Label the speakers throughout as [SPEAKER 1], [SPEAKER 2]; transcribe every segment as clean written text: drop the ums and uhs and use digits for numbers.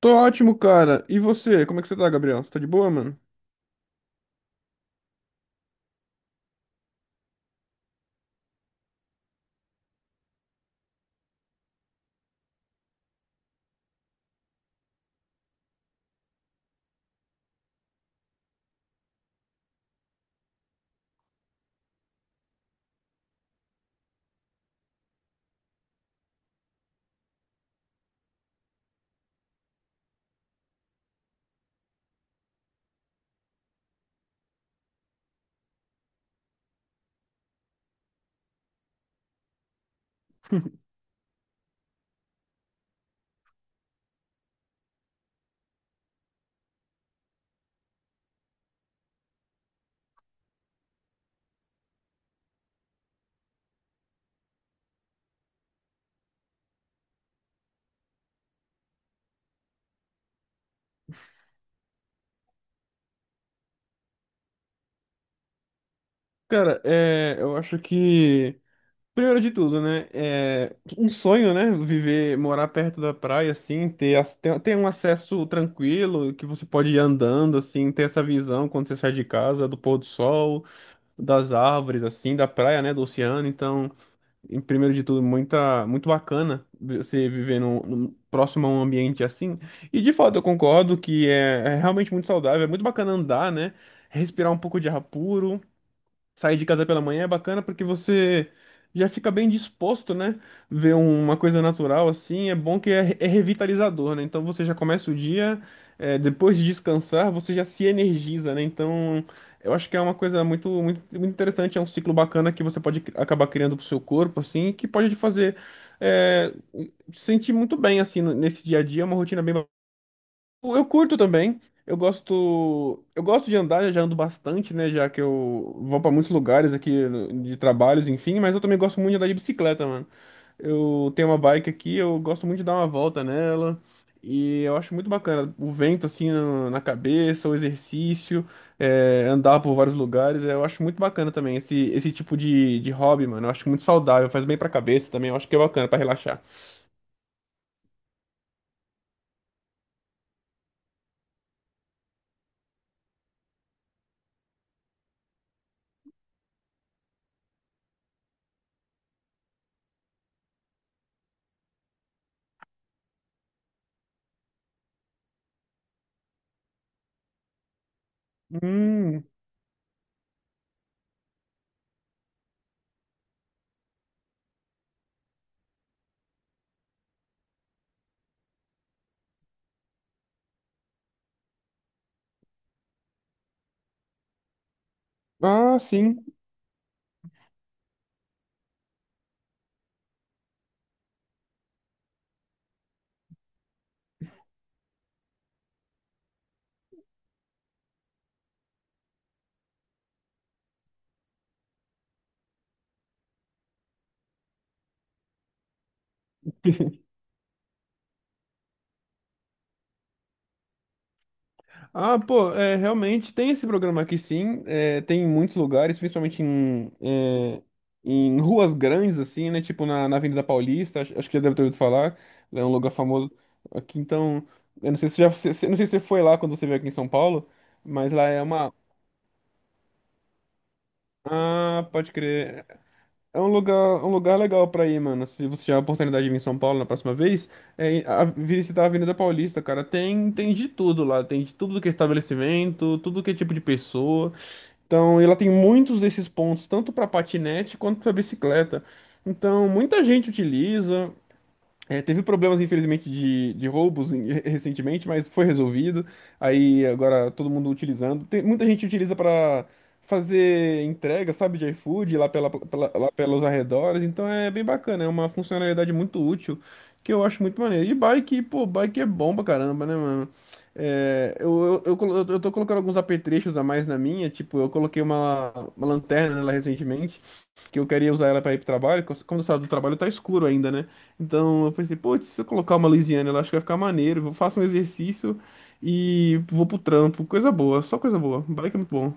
[SPEAKER 1] Tô ótimo, cara. E você? Como é que você tá, Gabriel? Você tá de boa, mano? Cara, eu acho que, primeiro de tudo, né? É um sonho, né? Viver, morar perto da praia, assim, ter um acesso tranquilo, que você pode ir andando, assim, ter essa visão quando você sai de casa, do pôr do sol, das árvores, assim, da praia, né? Do oceano. Então, em primeiro de tudo, muito bacana você viver próximo a um ambiente assim. E de fato, eu concordo que é realmente muito saudável, é muito bacana andar, né? Respirar um pouco de ar puro. Sair de casa pela manhã é bacana porque você já fica bem disposto, né? Ver uma coisa natural assim, é bom que é revitalizador, né? Então você já começa o dia, depois de descansar, você já se energiza, né? Então eu acho que é uma coisa muito, muito, muito interessante, é um ciclo bacana que você pode acabar criando pro seu corpo, assim, que pode te fazer é, se sentir muito bem, assim, nesse dia a dia. É uma rotina bem, eu curto também. Eu gosto de andar, eu já ando bastante, né? Já que eu vou pra muitos lugares aqui de trabalhos, enfim. Mas eu também gosto muito de andar de bicicleta, mano. Eu tenho uma bike aqui, eu gosto muito de dar uma volta nela. E eu acho muito bacana o vento assim na cabeça, o exercício, andar por vários lugares. Eu acho muito bacana também esse tipo de hobby, mano. Eu acho muito saudável, faz bem pra cabeça também. Eu acho que é bacana pra relaxar. Hum. Ah, sim. Ah, pô, realmente tem esse programa aqui sim, tem em muitos lugares, principalmente em ruas grandes, assim, né? Tipo na Avenida Paulista, acho que já deve ter ouvido falar, é um lugar famoso aqui, então, eu não sei se já, se- se- não sei se você foi lá quando você veio aqui em São Paulo, mas lá é uma... Ah, pode crer, é um lugar, legal pra ir, mano, se você tiver a oportunidade de vir em São Paulo na próxima vez, visitar a Avenida Paulista, cara, tem de tudo lá, tem de tudo que é estabelecimento, tudo que é tipo de pessoa. Então, ela tem muitos desses pontos, tanto para patinete quanto para bicicleta. Então, muita gente utiliza. Teve problemas, infelizmente, de roubos recentemente, mas foi resolvido. Aí agora todo mundo utilizando. Tem, muita gente utiliza para fazer entrega, sabe, de iFood lá, lá pelos arredores. Então é bem bacana, é uma funcionalidade muito útil que eu acho muito maneiro. E bike, pô, bike é bom pra caramba, né, mano? Eu tô colocando alguns apetrechos a mais na minha, tipo, eu coloquei uma, lanterna nela recentemente que eu queria usar ela para ir pro trabalho, como eu saio do trabalho tá escuro ainda, né? Então eu pensei, putz, se eu colocar uma Louisiana, eu acho que vai ficar maneiro. Vou faço um exercício e vou pro trampo. Coisa boa, só coisa boa. Bike é muito bom.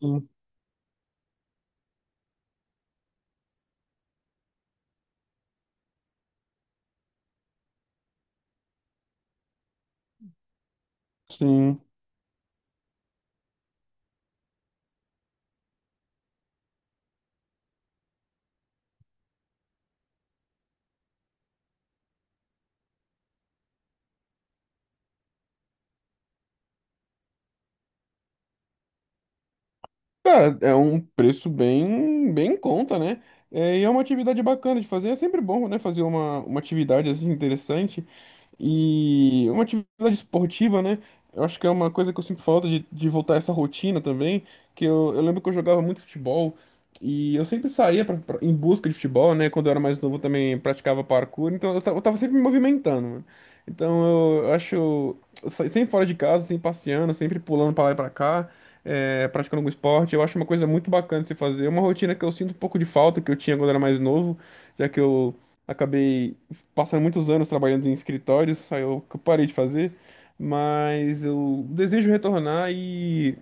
[SPEAKER 1] Sim, sim. Cara, é um preço bem, bem em conta, né? E é uma atividade bacana de fazer. É sempre bom, né? Fazer uma atividade assim interessante. E uma atividade esportiva, né? Eu acho que é uma coisa que eu sinto falta de voltar a essa rotina também. Que eu lembro que eu jogava muito futebol. E eu sempre saía em busca de futebol, né? Quando eu era mais novo eu também praticava parkour. Então eu tava sempre me movimentando, mano. Então eu acho, sempre fora de casa, sempre passeando, sempre pulando pra lá e pra cá, praticando algum esporte. Eu acho uma coisa muito bacana de se fazer. É uma rotina que eu sinto um pouco de falta, que eu tinha quando era mais novo, já que eu acabei passando muitos anos trabalhando em escritórios, aí eu que eu parei de fazer. Mas eu desejo retornar e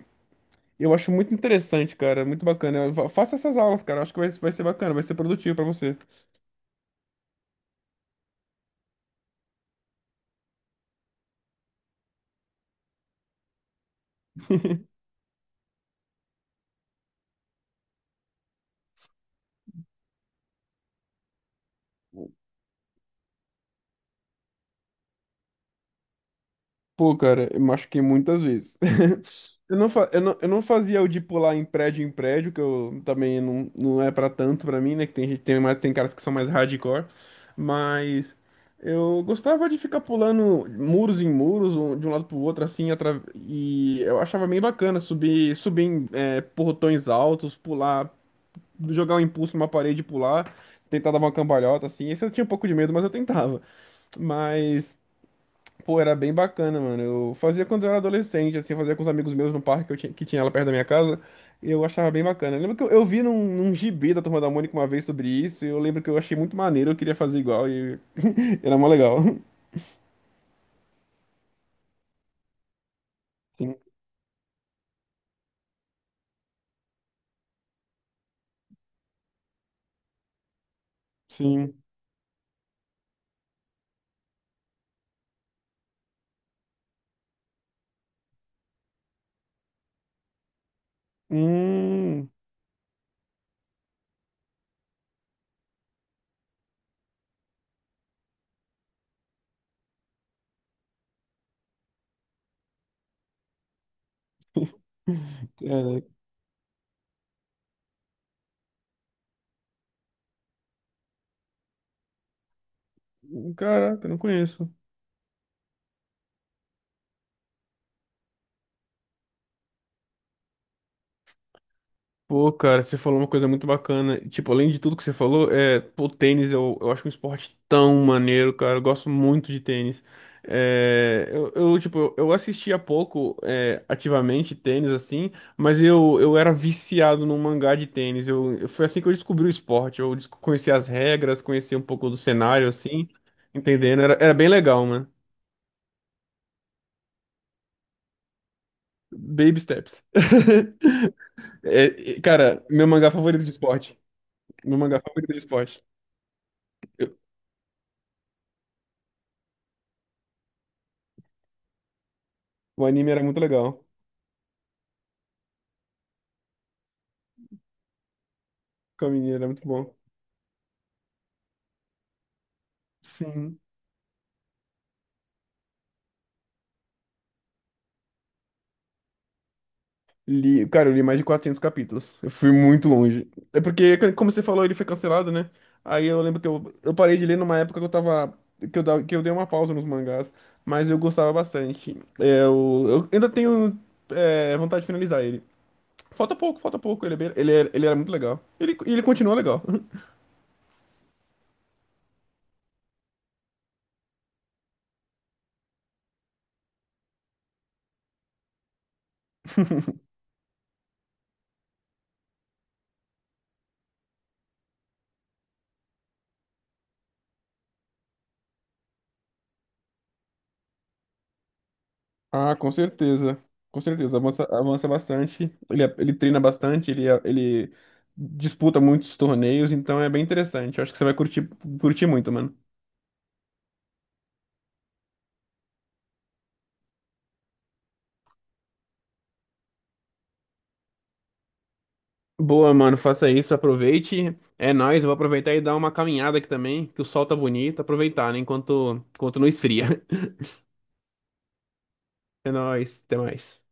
[SPEAKER 1] eu acho muito interessante, cara, muito bacana. Faça essas aulas, cara, acho que vai ser bacana, vai ser produtivo pra você. Pô, cara, eu machuquei muitas vezes. Eu não, fa- eu não fazia o de pular em prédio, que eu também não, não é pra tanto pra mim, né? Que tem gente, tem caras que são mais hardcore, mas eu gostava de ficar pulando muros em muros, de um lado pro outro, assim, e eu achava bem bacana subir em portões altos, pular, jogar um impulso numa parede e pular, tentar dar uma cambalhota, assim. Esse eu tinha um pouco de medo, mas eu tentava. Mas, pô, era bem bacana, mano. Eu fazia quando eu era adolescente, assim, fazia com os amigos meus no parque que tinha lá perto da minha casa. E eu achava bem bacana. Eu lembro que eu vi num gibi da Turma da Mônica uma vez sobre isso, e eu lembro que eu achei muito maneiro, eu queria fazer igual, e era mó legal. Sim. Sim. Hum. Cara, caraca, eu não conheço. Pô, cara, você falou uma coisa muito bacana. Tipo, além de tudo que você falou, pô, tênis eu acho um esporte tão maneiro, cara. Eu gosto muito de tênis. Tipo, eu assistia pouco, ativamente tênis, assim, mas eu era viciado num mangá de tênis. Foi assim que eu descobri o esporte. Conheci as regras, conheci um pouco do cenário, assim, entendendo. Era bem legal, mano. Baby steps. E, cara, meu mangá favorito de esporte. Meu mangá favorito de esporte. O anime era muito legal. O Kamini era muito bom. Sim. Li, cara, eu li mais de 400 capítulos. Eu fui muito longe. É porque, como você falou, ele foi cancelado, né? Aí eu lembro que eu parei de ler numa época que eu tava. Que eu dei uma pausa nos mangás. Mas eu gostava bastante. Eu ainda tenho vontade de finalizar ele. Falta pouco, falta pouco. Ele, é bem- ele, é- ele era muito legal. Ele continua legal. Ah, com certeza. Com certeza. Avança, avança bastante. Ele treina bastante, ele disputa muitos torneios, então é bem interessante. Eu acho que você vai curtir muito, mano. Boa, mano. Faça isso, aproveite. É nóis, eu vou aproveitar e dar uma caminhada aqui também, que o sol tá bonito. Aproveitar, né? Enquanto não esfria. É nóis, até mais.